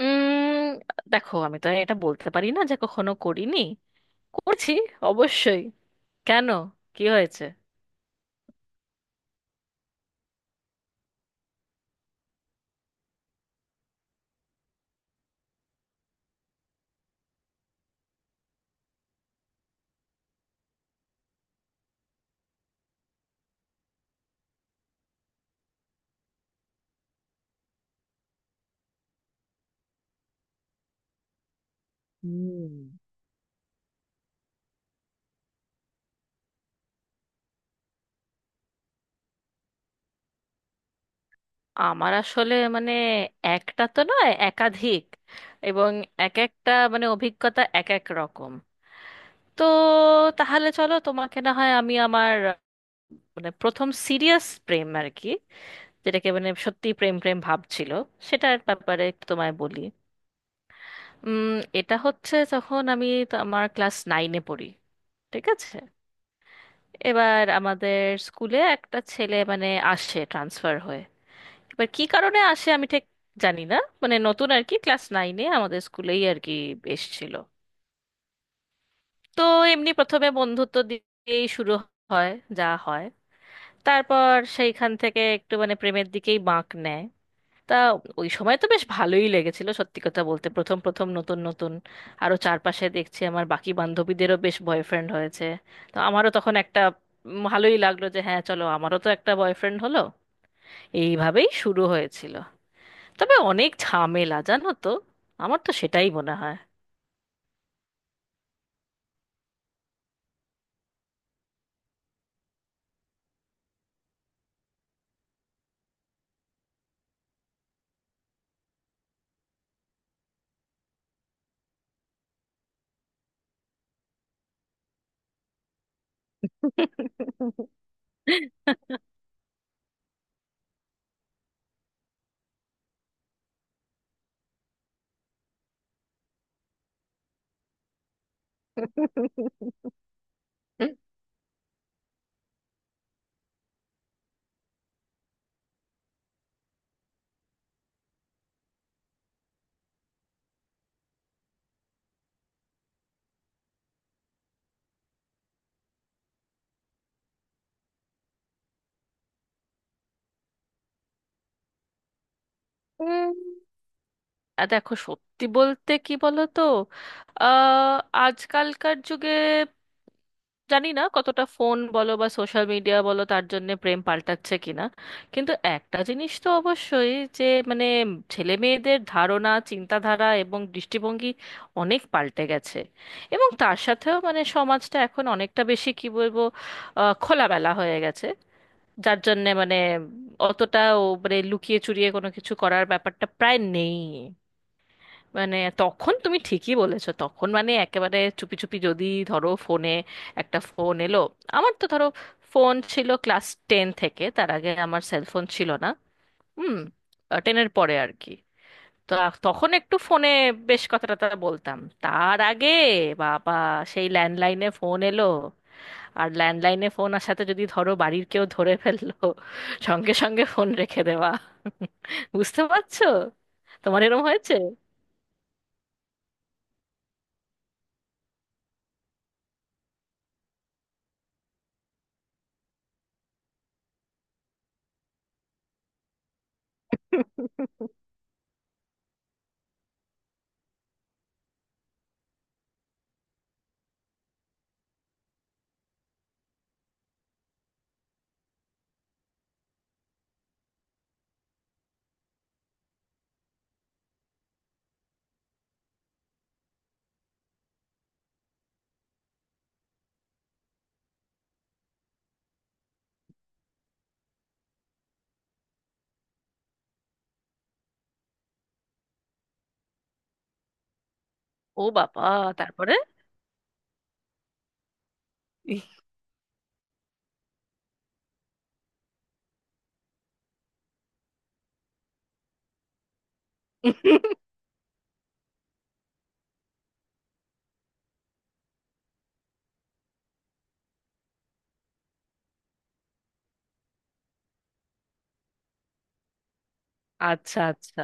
উম দেখো, আমি তো এটা বলতে পারি না যে কখনো করিনি। করছি, অবশ্যই। কেন, কি হয়েছে? হুম। আমার আসলে একটা তো নয়, একাধিক। এবং এক একটা অভিজ্ঞতা এক এক রকম। তো তাহলে চলো, তোমাকে না হয় আমি আমার প্রথম সিরিয়াস প্রেম আর কি, যেটাকে সত্যি প্রেম প্রেম ভাব ছিল, সেটার ব্যাপারে তোমায় বলি। উম, এটা হচ্ছে যখন আমি তো আমার ক্লাস নাইনে পড়ি, ঠিক আছে? এবার আমাদের স্কুলে একটা ছেলে আসে ট্রান্সফার হয়ে। এবার কি কারণে আসে আমি ঠিক জানি না, নতুন আর কি, ক্লাস নাইনে আমাদের স্কুলেই আর কি এসেছিল। তো এমনি প্রথমে বন্ধুত্ব দিয়েই শুরু হয়, যা হয়। তারপর সেইখান থেকে একটু প্রেমের দিকেই বাঁক নেয়। তা ওই সময় তো বেশ ভালোই লেগেছিল সত্যি কথা বলতে, প্রথম প্রথম নতুন নতুন। আরো চারপাশে দেখছি আমার বাকি বান্ধবীদেরও বেশ বয়ফ্রেন্ড হয়েছে, তো আমারও তখন একটা ভালোই লাগলো যে হ্যাঁ চলো, আমারও তো একটা বয়ফ্রেন্ড হলো। এইভাবেই শুরু হয়েছিল। তবে অনেক ঝামেলা, জানো তো, আমার তো সেটাই মনে হয়। আর দেখো সত্যি বলতে কি, বলো তো, আহ, আজকালকার যুগে জানি না কতটা ফোন বলো বা সোশ্যাল মিডিয়া বলো, তার জন্য প্রেম পাল্টাচ্ছে কিনা, কিন্তু একটা জিনিস তো অবশ্যই যে মানে ছেলে মেয়েদের ধারণা, চিন্তাধারা এবং দৃষ্টিভঙ্গি অনেক পাল্টে গেছে। এবং তার সাথেও সমাজটা এখন অনেকটা বেশি কি বলবো, খোলামেলা হয়ে গেছে। যার জন্যে অতটাও লুকিয়ে চুরিয়ে কোনো কিছু করার ব্যাপারটা প্রায় নেই। মানে তখন তুমি ঠিকই বলেছো, তখন মানে একেবারে চুপি চুপি, যদি ধরো ফোনে একটা ফোন এলো। আমার তো ধরো ফোন ছিল ক্লাস টেন থেকে, তার আগে আমার সেলফোন ছিল না। হুম, টেনের পরে আর কি। তো তখন একটু ফোনে বেশ কথাটা টথা বলতাম। তার আগে বাবা, সেই ল্যান্ডলাইনে ফোন এলো, আর ল্যান্ডলাইনে ফোন আসাতে যদি ধরো বাড়ির কেউ ধরে ফেললো, সঙ্গে সঙ্গে ফোন রেখে দেওয়া। বুঝতে পারছো? তোমার এরকম হয়েছে? ও বাবা, তারপরে? ইহ, আচ্ছা আচ্ছা।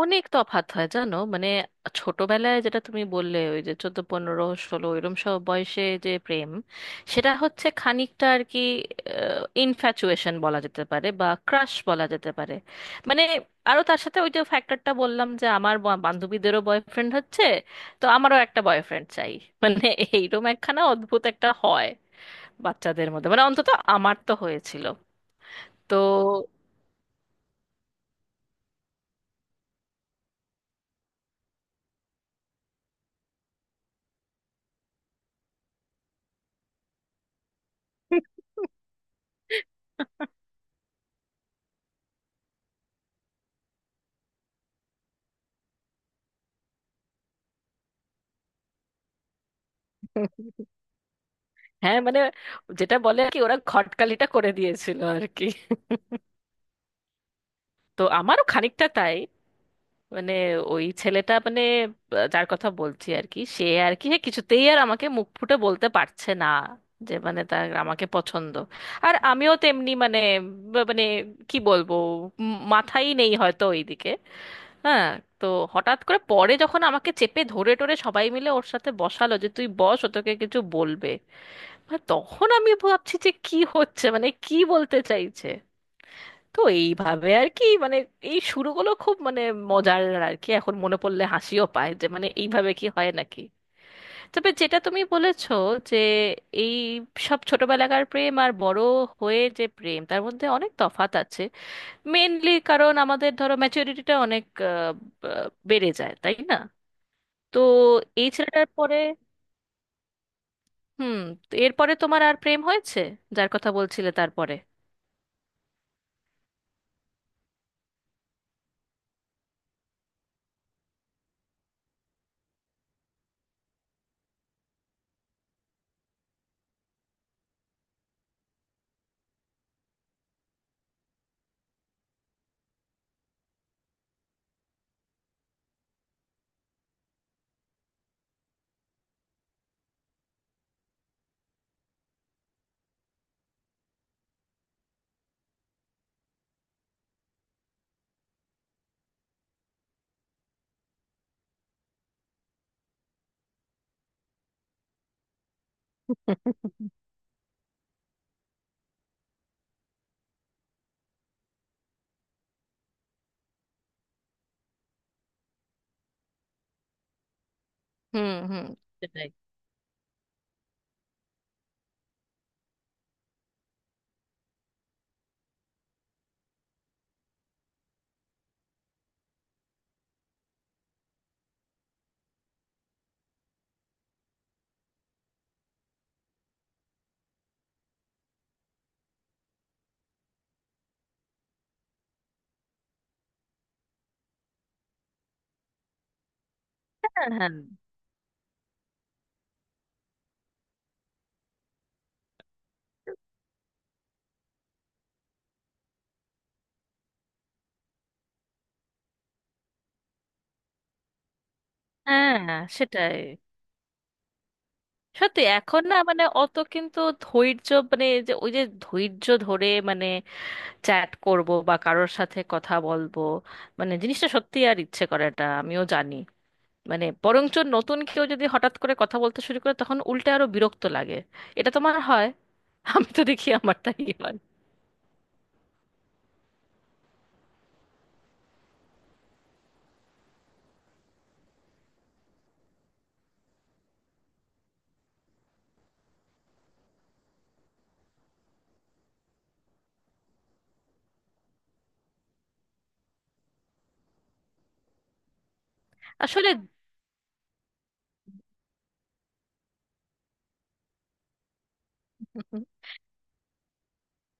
অনেক তফাৎ হয় জানো। মানে ছোটবেলায় যেটা তুমি বললে, ওই যে চোদ্দ পনেরো ষোলো এরম সব বয়সে যে প্রেম, সেটা হচ্ছে খানিকটা আর কি ইনফ্যাচুয়েশন বলা যেতে পারে বা ক্রাশ বলা যেতে পারে। মানে আরো তার সাথে ওই যে ফ্যাক্টরটা বললাম, যে আমার বান্ধবীদেরও বয়ফ্রেন্ড হচ্ছে, তো আমারও একটা বয়ফ্রেন্ড চাই। মানে এইরকম একখানা অদ্ভুত একটা হয় বাচ্চাদের মধ্যে, মানে অন্তত আমার তো হয়েছিল। তো হ্যাঁ, যেটা বলে আর কি, ওরা খটকালিটা করে দিয়েছিল আর কি। তো আমারও খানিকটা তাই। মানে ওই ছেলেটা যার কথা বলছি আর কি, সে আর কি হ্যাঁ, কিছুতেই আর আমাকে মুখ ফুটে বলতে পারছে না যে মানে তার আমাকে পছন্দ। আর আমিও তেমনি মানে কি বলবো, মাথাই নেই হয়তো ওইদিকে। হ্যাঁ। তো হঠাৎ করে পরে যখন আমাকে চেপে ধরে টরে সবাই মিলে ওর সাথে বসালো, যে তুই বস, ও তোকে কিছু বলবে। আর তখন আমি ভাবছি যে কি হচ্ছে, মানে কি বলতে চাইছে। তো এইভাবে আর কি। এই শুরুগুলো খুব মজার আর কি, এখন মনে পড়লে হাসিও পায় যে মানে এইভাবে কি হয় নাকি। তবে যেটা তুমি বলেছো, যে এই সব ছোটবেলাকার প্রেম আর বড় হয়ে যে প্রেম, তার মধ্যে অনেক তফাত আছে। মেইনলি কারণ আমাদের ধরো ম্যাচুরিটিটা অনেক আহ, বেড়ে যায়, তাই না? তো এই ছেলেটার পরে হুম। তো এরপরে তোমার আর প্রেম হয়েছে, যার কথা বলছিলে তারপরে? হুম, হুম। সেটাই। হ্যাঁ, হ্যাঁ, হ্যাঁ। সেটাই। সত্যি এখন না মানে অত কিন্তু ধৈর্য, মানে এই যে ওই যে ধৈর্য ধরে চ্যাট করব বা কারোর সাথে কথা বলবো, মানে জিনিসটা সত্যি আর ইচ্ছে করেটা আমিও জানি। মানে বরঞ্চ নতুন কেউ যদি হঠাৎ করে কথা বলতে শুরু করে, তখন উল্টে আরো বিরক্ত লাগে। এটা তোমার হয়? আমি তো দেখি আমারটাই হয়। আসলে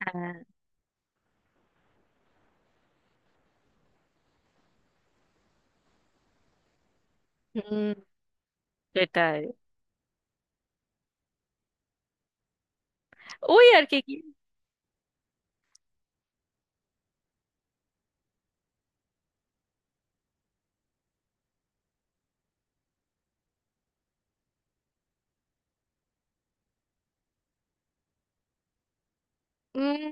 হ্যাঁ। হুম, সেটাই, ওই আর কি। উম,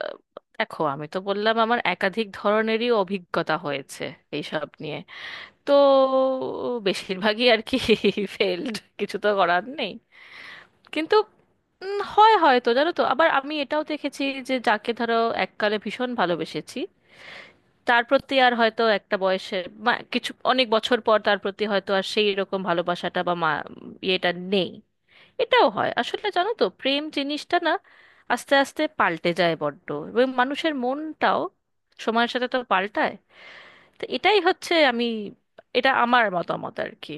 আহ, দেখো আমি তো বললাম আমার একাধিক ধরনেরই অভিজ্ঞতা হয়েছে এইসব নিয়ে। তো বেশিরভাগই আর কি ফেলড, কিছু তো করার নেই। কিন্তু হয় হয়তো, জানো তো, আবার আমি এটাও দেখেছি যে যাকে ধরো এককালে ভীষণ ভালোবেসেছি, তার প্রতি আর হয়তো একটা বয়সে বা কিছু অনেক বছর পর তার প্রতি হয়তো আর সেই রকম ভালোবাসাটা বা ইয়েটা নেই। এটাও হয় আসলে। জানো তো প্রেম জিনিসটা না আস্তে আস্তে পাল্টে যায় বড্ড, এবং মানুষের মনটাও সময়ের সাথে তো পাল্টায়। তো এটাই হচ্ছে, আমি এটা আমার মতামত আর কি।